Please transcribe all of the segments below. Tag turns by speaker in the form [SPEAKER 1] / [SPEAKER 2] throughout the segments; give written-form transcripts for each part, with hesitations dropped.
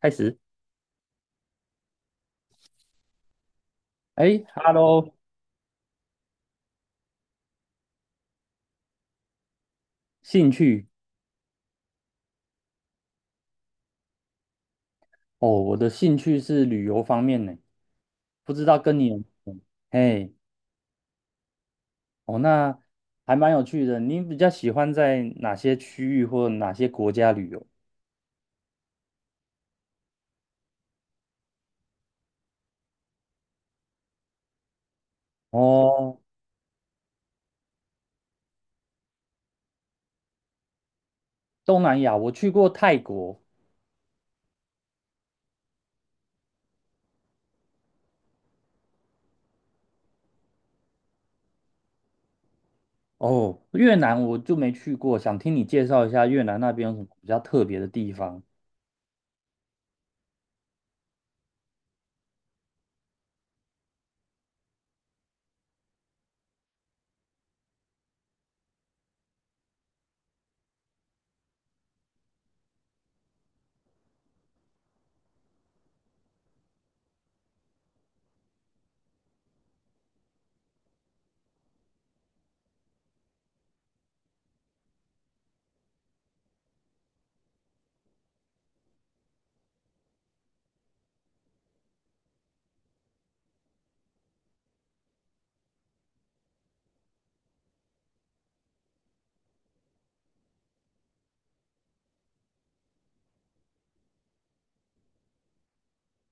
[SPEAKER 1] 开始，哎，Hello，兴趣哦，我的兴趣是旅游方面呢，不知道跟你有，哎，哦，那还蛮有趣的。你比较喜欢在哪些区域或哪些国家旅游？哦，东南亚我去过泰国，哦，越南我就没去过，想听你介绍一下越南那边有什么比较特别的地方。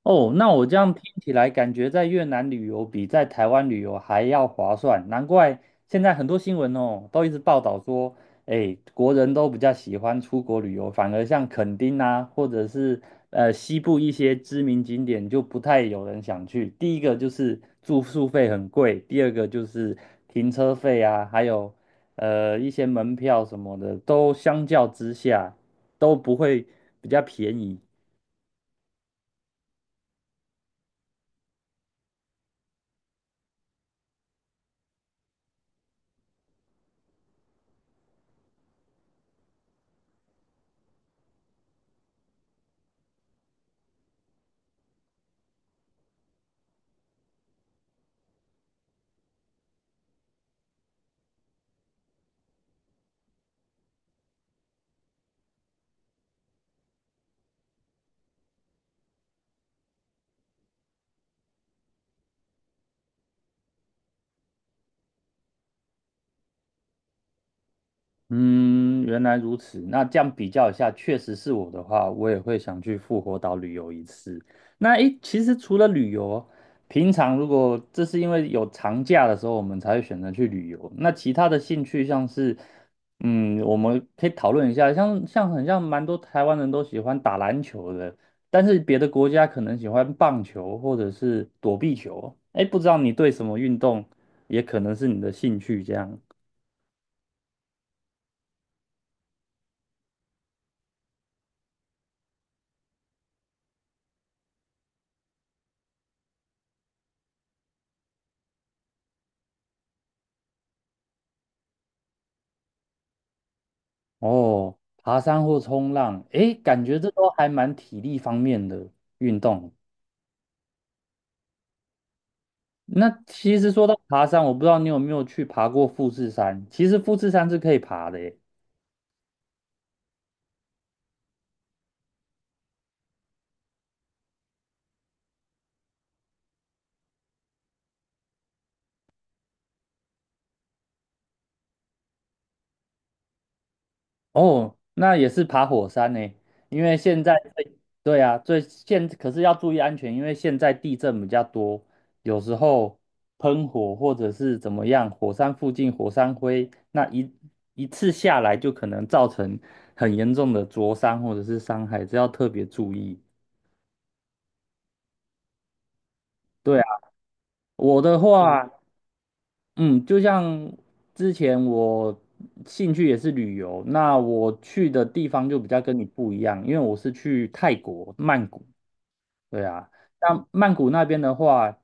[SPEAKER 1] 哦，那我这样听起来，感觉在越南旅游比在台湾旅游还要划算，难怪现在很多新闻哦，都一直报道说，哎，国人都比较喜欢出国旅游，反而像垦丁啊，或者是西部一些知名景点就不太有人想去。第一个就是住宿费很贵，第二个就是停车费啊，还有一些门票什么的，都相较之下都不会比较便宜。嗯，原来如此。那这样比较一下，确实是我的话，我也会想去复活岛旅游一次。那诶，其实除了旅游，平常如果这是因为有长假的时候，我们才会选择去旅游。那其他的兴趣像是，嗯，我们可以讨论一下，很像蛮多台湾人都喜欢打篮球的，但是别的国家可能喜欢棒球或者是躲避球。诶，不知道你对什么运动也可能是你的兴趣这样。哦，爬山或冲浪，诶，感觉这都还蛮体力方面的运动。那其实说到爬山，我不知道你有没有去爬过富士山。其实富士山是可以爬的耶，哦，那也是爬火山呢，因为现在对啊，可是要注意安全，因为现在地震比较多，有时候喷火或者是怎么样，火山附近火山灰，那一次下来就可能造成很严重的灼伤或者是伤害，这要特别注意。对啊，我的话，嗯，就像之前我兴趣也是旅游，那我去的地方就比较跟你不一样，因为我是去泰国曼谷。对啊，那曼谷那边的话，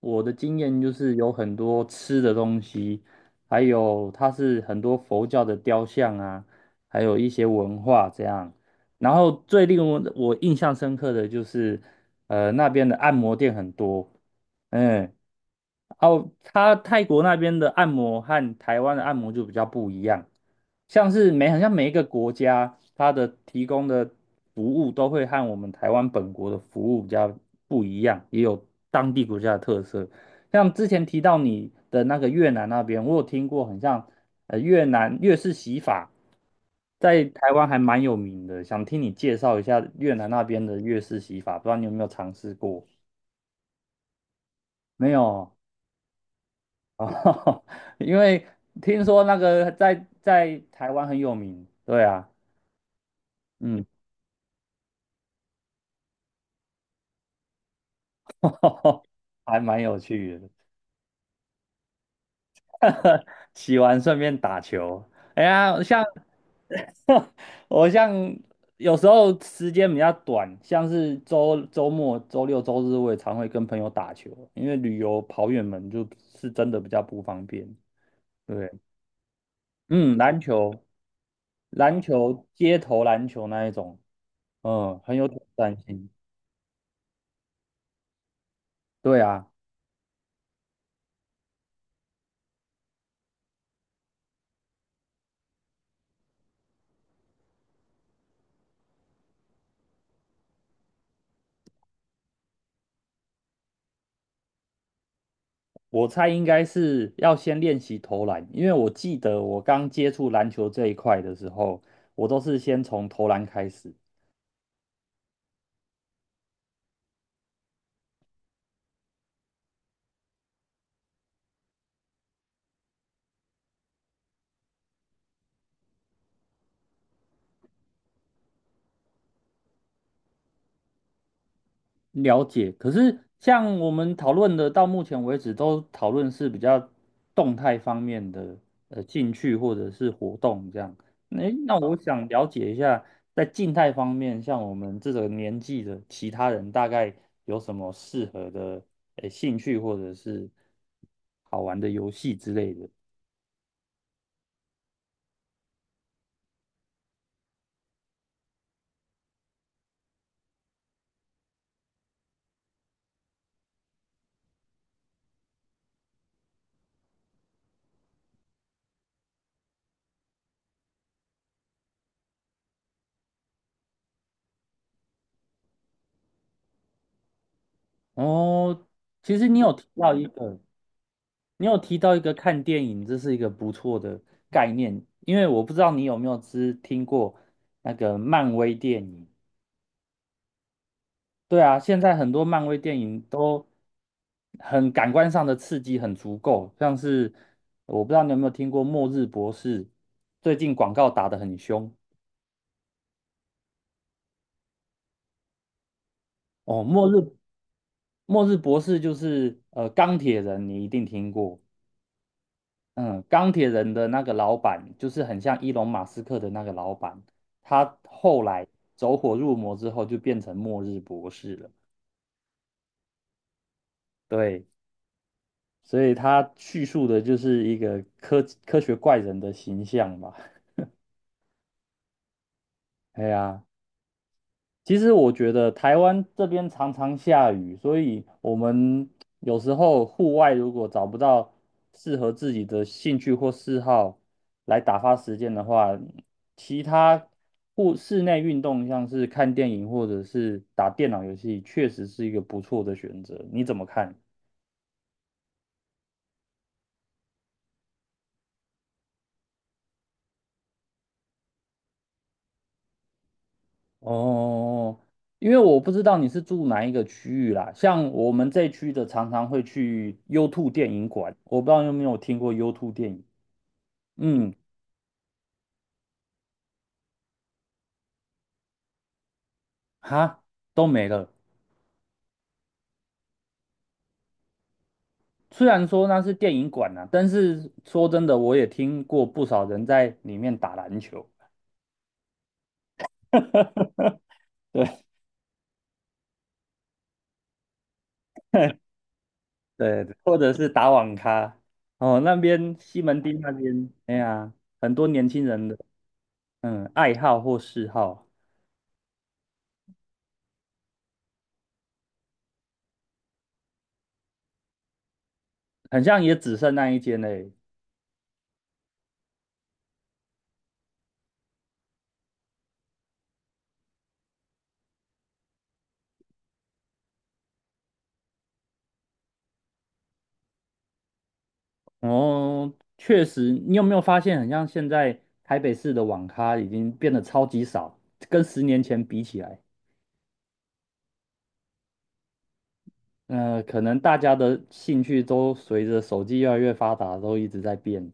[SPEAKER 1] 我的经验就是有很多吃的东西，还有它是很多佛教的雕像啊，还有一些文化这样。然后最令我印象深刻的就是，那边的按摩店很多，嗯，哦，它泰国那边的按摩和台湾的按摩就比较不一样，像是好像每一个国家它的提供的服务都会和我们台湾本国的服务比较不一样，也有当地国家的特色。像之前提到你的那个越南那边，我有听过，很像越南越式洗法，在台湾还蛮有名的，想听你介绍一下越南那边的越式洗法，不知道你有没有尝试过？没有哦。哦，因为听说那个在台湾很有名，对啊，嗯，还蛮有趣的。洗完顺便打球。哎呀，我像有时候时间比较短，像是周末、周六、周日，我也常会跟朋友打球，因为旅游跑远门就是真的比较不方便。对，嗯，篮球、街头篮球那一种，嗯，很有挑战性。对啊。我猜应该是要先练习投篮，因为我记得我刚接触篮球这一块的时候，我都是先从投篮开始了解。可是像我们讨论的，到目前为止都讨论是比较动态方面的兴趣或者是活动这样。诶，那我想了解一下，在静态方面，像我们这个年纪的其他人，大概有什么适合的兴趣或者是好玩的游戏之类的？哦，其实你有提到一个看电影，这是一个不错的概念，因为我不知道你有没有听过那个漫威电影。对啊，现在很多漫威电影都很感官上的刺激很足够，像是我不知道你有没有听过《末日博士》，最近广告打得很凶哦，《末日博士》就是钢铁人，你一定听过。嗯，钢铁人的那个老板就是很像伊隆马斯克的那个老板，他后来走火入魔之后就变成末日博士了。对，所以他叙述的就是一个科学怪人的形象吧。哎呀，其实我觉得台湾这边常常下雨，所以我们有时候户外如果找不到适合自己的兴趣或嗜好来打发时间的话，其他室内运动，像是看电影或者是打电脑游戏，确实是一个不错的选择。你怎么看？哦，因为我不知道你是住哪一个区域啦，像我们这区的常常会去优兔电影馆，我不知道你有没有听过优兔电影。嗯，哈，都没了。虽然说那是电影馆啊，但是说真的，我也听过不少人在里面打篮球，对对，对或者是打网咖。哦，那边西门町那边，哎呀，很多年轻人的爱好或嗜好，很像也只剩那一间嘞。哦，确实，你有没有发现，很像现在台北市的网咖已经变得超级少，跟10年前比起来。可能大家的兴趣都随着手机越来越发达，都一直在变。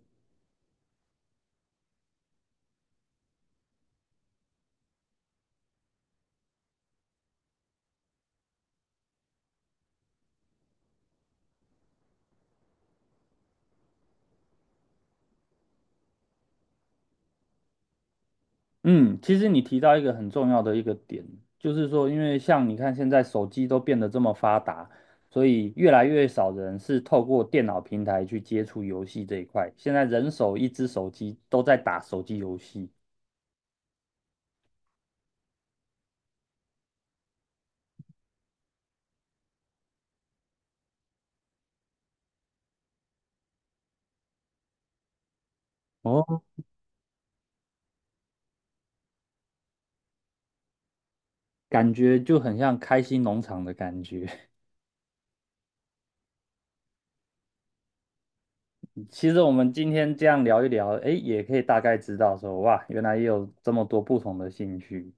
[SPEAKER 1] 嗯，其实你提到一个很重要的一个点，就是说，因为像你看现在手机都变得这么发达，所以越来越少人是透过电脑平台去接触游戏这一块。现在人手一只手机都在打手机游戏，哦，感觉就很像开心农场的感觉。其实我们今天这样聊一聊，诶，也可以大概知道说，哇，原来也有这么多不同的兴趣。